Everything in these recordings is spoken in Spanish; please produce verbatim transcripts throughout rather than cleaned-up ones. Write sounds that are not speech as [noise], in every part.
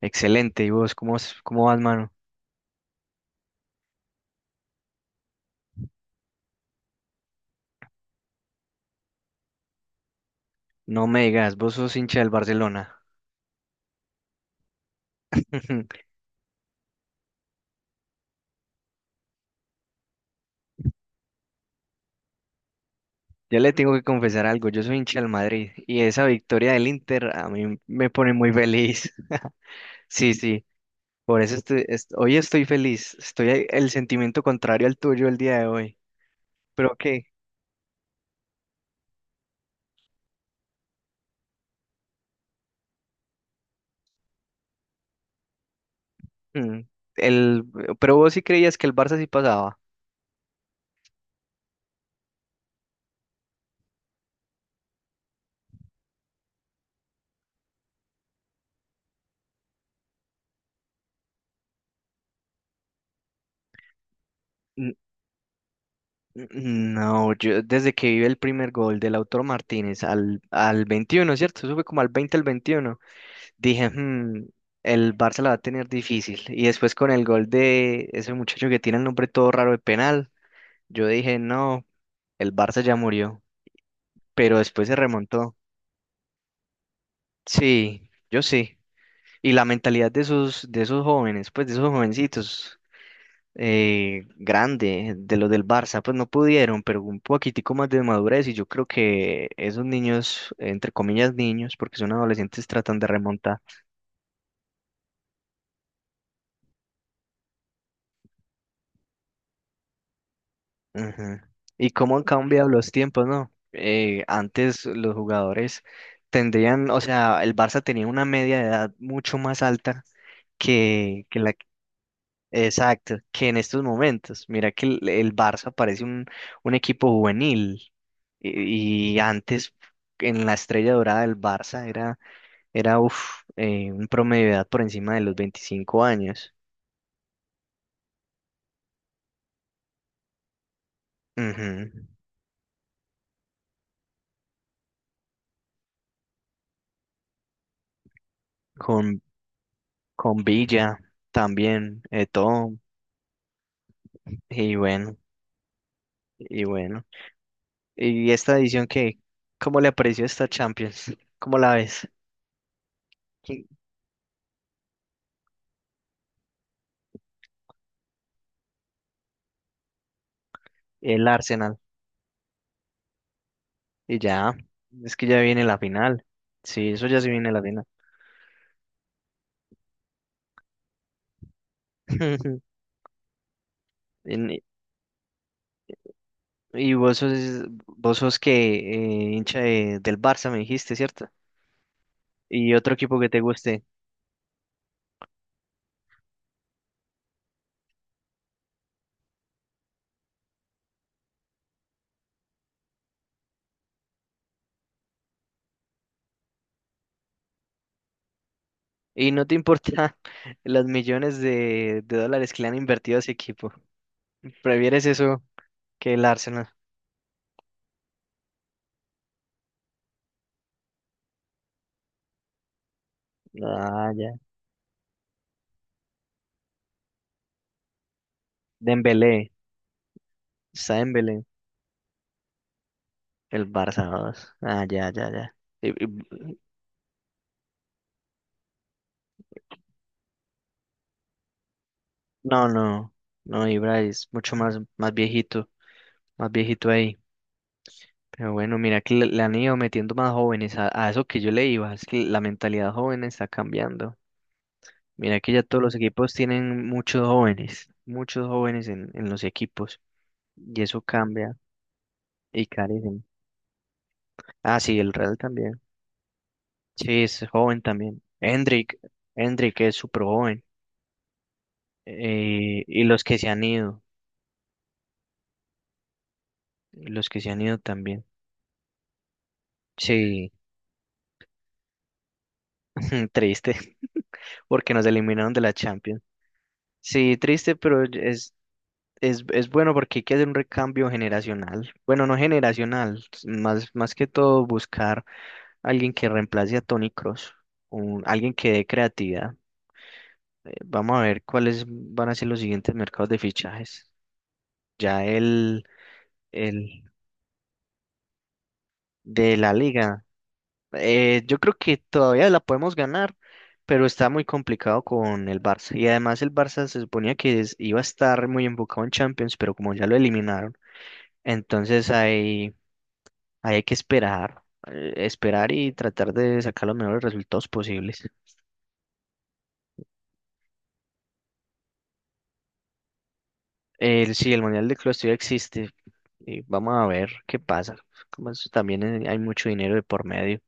Excelente. ¿Y vos cómo, vas- cómo vas, mano? No me digas, vos sos hincha del Barcelona. [laughs] Ya le tengo que confesar algo, yo soy hincha del Madrid y esa victoria del Inter a mí me pone muy feliz. [laughs] Sí, sí, por eso estoy, est- hoy estoy feliz. Estoy a- el sentimiento contrario al tuyo el día de hoy. ¿Pero qué? Mm. El, pero vos sí creías que el Barça sí pasaba. N- n- No, yo desde que vi el primer gol de Lautaro Martínez al, al veintiuno, ¿cierto? Eso fue como al veinte al veintiuno. Dije, "Hmm, el Barça la va a tener difícil". Y después con el gol de ese muchacho que tiene el nombre todo raro de penal, yo dije, no, el Barça ya murió. Pero después se remontó. Sí, yo sí. Y la mentalidad de esos, de esos, jóvenes, pues de esos jovencitos, eh, grande, de los del Barça, pues no pudieron, pero un poquitico más de madurez. Y yo creo que esos niños, entre comillas niños, porque son adolescentes, tratan de remontar. Ujú. Y cómo han cambiado los tiempos, ¿no? Eh, antes los jugadores tendrían, o sea, el Barça tenía una media de edad mucho más alta que, que la, exacto, que en estos momentos. Mira que el, el Barça parece un, un equipo juvenil y, y antes en la estrella dorada del Barça era, era uf, eh, un promedio de edad por encima de los veinticinco años. Ujú. Con, con Villa también, Eto'o, y bueno. Y bueno, y esta edición que, ¿cómo le pareció esta Champions? ¿Cómo la ves? ¿Qui- El Arsenal. Y ya, es que ya viene la final. Sí, eso ya se viene la final. [laughs] En- Y vos sos, vos sos que eh, hincha de- del Barça, me dijiste, ¿cierto? Y otro equipo que te guste. Y no te importa [laughs] los millones de, de dólares que le han invertido a ese equipo. ¿Prefieres eso que el Arsenal? Ah, ya. Dembélé, está Dembélé. El Barça dos. Ah, ya, ya, ya. Y- y- no, no, no, Ibra es mucho más, más viejito, más viejito ahí. Pero bueno, mira que le, le han ido metiendo más jóvenes a, a eso que yo le iba. Es que la mentalidad joven está cambiando. Mira que ya todos los equipos tienen muchos jóvenes, muchos jóvenes en, en los equipos. Y eso cambia y carecen. Ah, sí, el Real también. Sí, es joven también. Hendrik, Hendrik es súper joven. Eh, y los que se han ido. Los que se han ido también. Sí, [laughs] triste, porque nos eliminaron de la Champions. Sí, triste, pero es, es, es bueno porque hay que hacer un recambio generacional. Bueno, no generacional, más, más que todo buscar alguien que reemplace a Toni Kroos, un- alguien que dé creatividad. Eh, Vamos a ver cuáles van a ser los siguientes mercados de fichajes. Ya el, el de la liga. Eh, yo creo que todavía la podemos ganar, pero está muy complicado con el Barça. Y además el Barça se suponía que es- iba a estar muy enfocado en Champions, pero como ya lo eliminaron, entonces hay, hay que esperar, eh, esperar y tratar de sacar los mejores resultados posibles. El, sí, el Mundial de Clubes todavía existe. Y vamos a ver qué pasa. Como eso también eh, hay mucho dinero de por medio.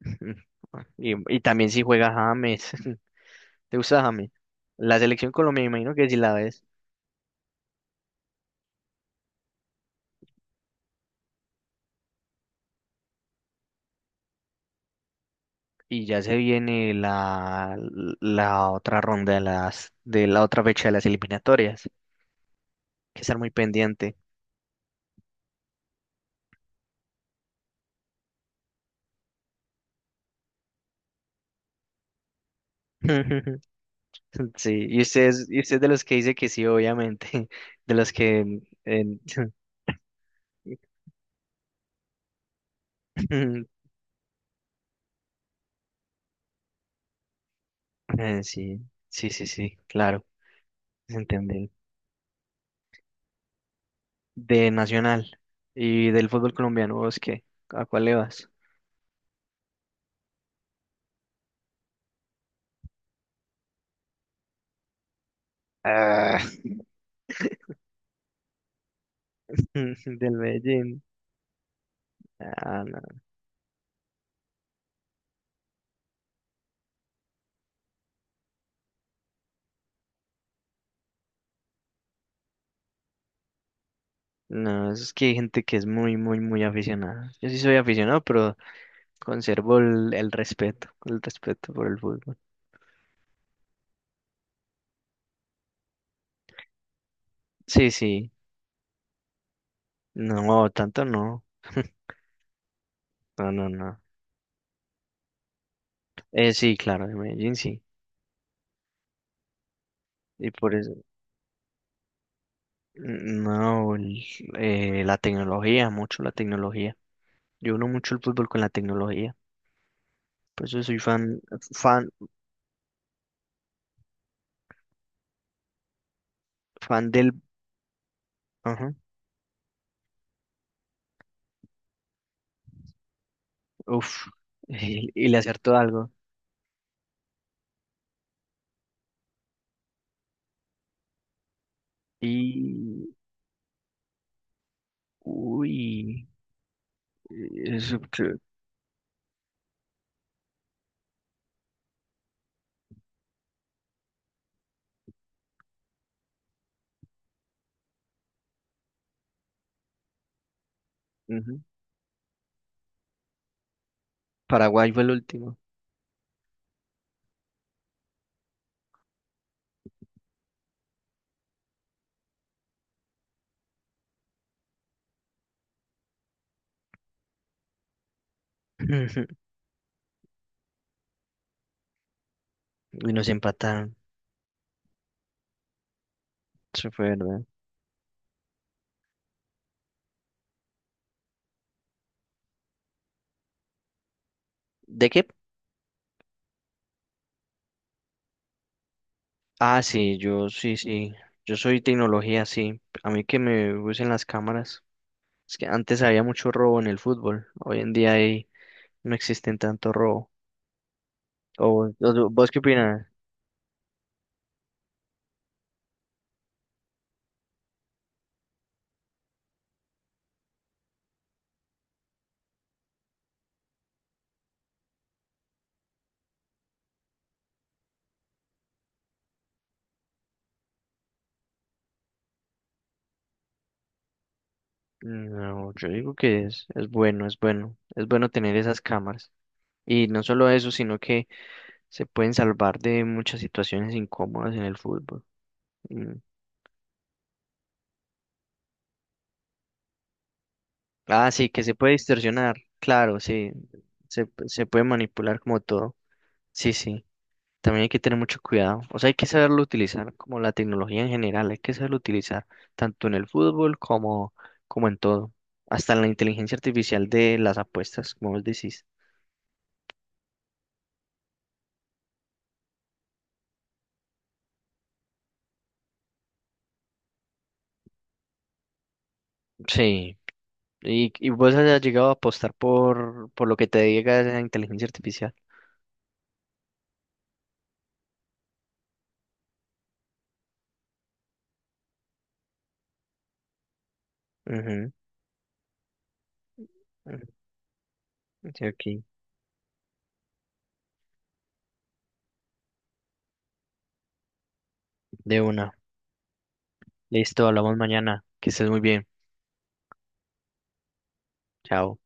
[laughs] Y, y también si juega James. [laughs] ¿Te gusta James? La selección Colombia, me imagino que si la ves. Y ya se viene la, la otra ronda de las, de la otra fecha de las eliminatorias. Hay que estar muy pendiente. [laughs] Sí, y usted es, y usted es de los que dice que sí, obviamente. [laughs] De los que eh, [laughs] eh, sí, sí, sí, sí, claro, se entiende. De Nacional y del fútbol colombiano, ¿vos qué? ¿A cuál le vas? Ah, [laughs] del Medellín. Ah, no. No, es que hay gente que es muy, muy, muy aficionada. Yo sí soy aficionado, pero conservo el, el respeto, el respeto por el fútbol. Sí, sí. No, tanto no. No, no, no. Eh, sí, claro, de Medellín sí. Y por eso, mm, no, el- eh, la tecnología, mucho la tecnología. Yo uno mucho el fútbol con la tecnología. Por eso soy fan, fan, fan del... Ajá, uf, [laughs] y, y le acertó algo. Y... Uy, eso creo. Ujú. Paraguay fue el último. [laughs] Y nos empataron. Eso fue verdad. ¿De qué? Ah, sí, yo sí, sí. Yo soy tecnología, sí. A mí que me usen las cámaras. Es que antes había mucho robo en el fútbol. Hoy en día ahí no existen tanto robo. ¿O o- vos qué opinas? No, yo digo que es, es, bueno, es bueno. Es bueno tener esas cámaras. Y no solo eso, sino que se pueden salvar de muchas situaciones incómodas en el fútbol. Mm. Ah, sí, que se puede distorsionar, claro, sí. Se, se puede manipular como todo. Sí, sí. También hay que tener mucho cuidado. O sea, hay que saberlo utilizar, como la tecnología en general, hay que saberlo utilizar, tanto en el fútbol como, como en todo. Hasta en la inteligencia artificial de las apuestas, como vos decís. Sí. Y, y vos has llegado a apostar por, por, lo que te diga esa inteligencia artificial. Ujú, ujú. Sí, aquí, de una. Listo, hablamos mañana. Que estés muy bien. Chao.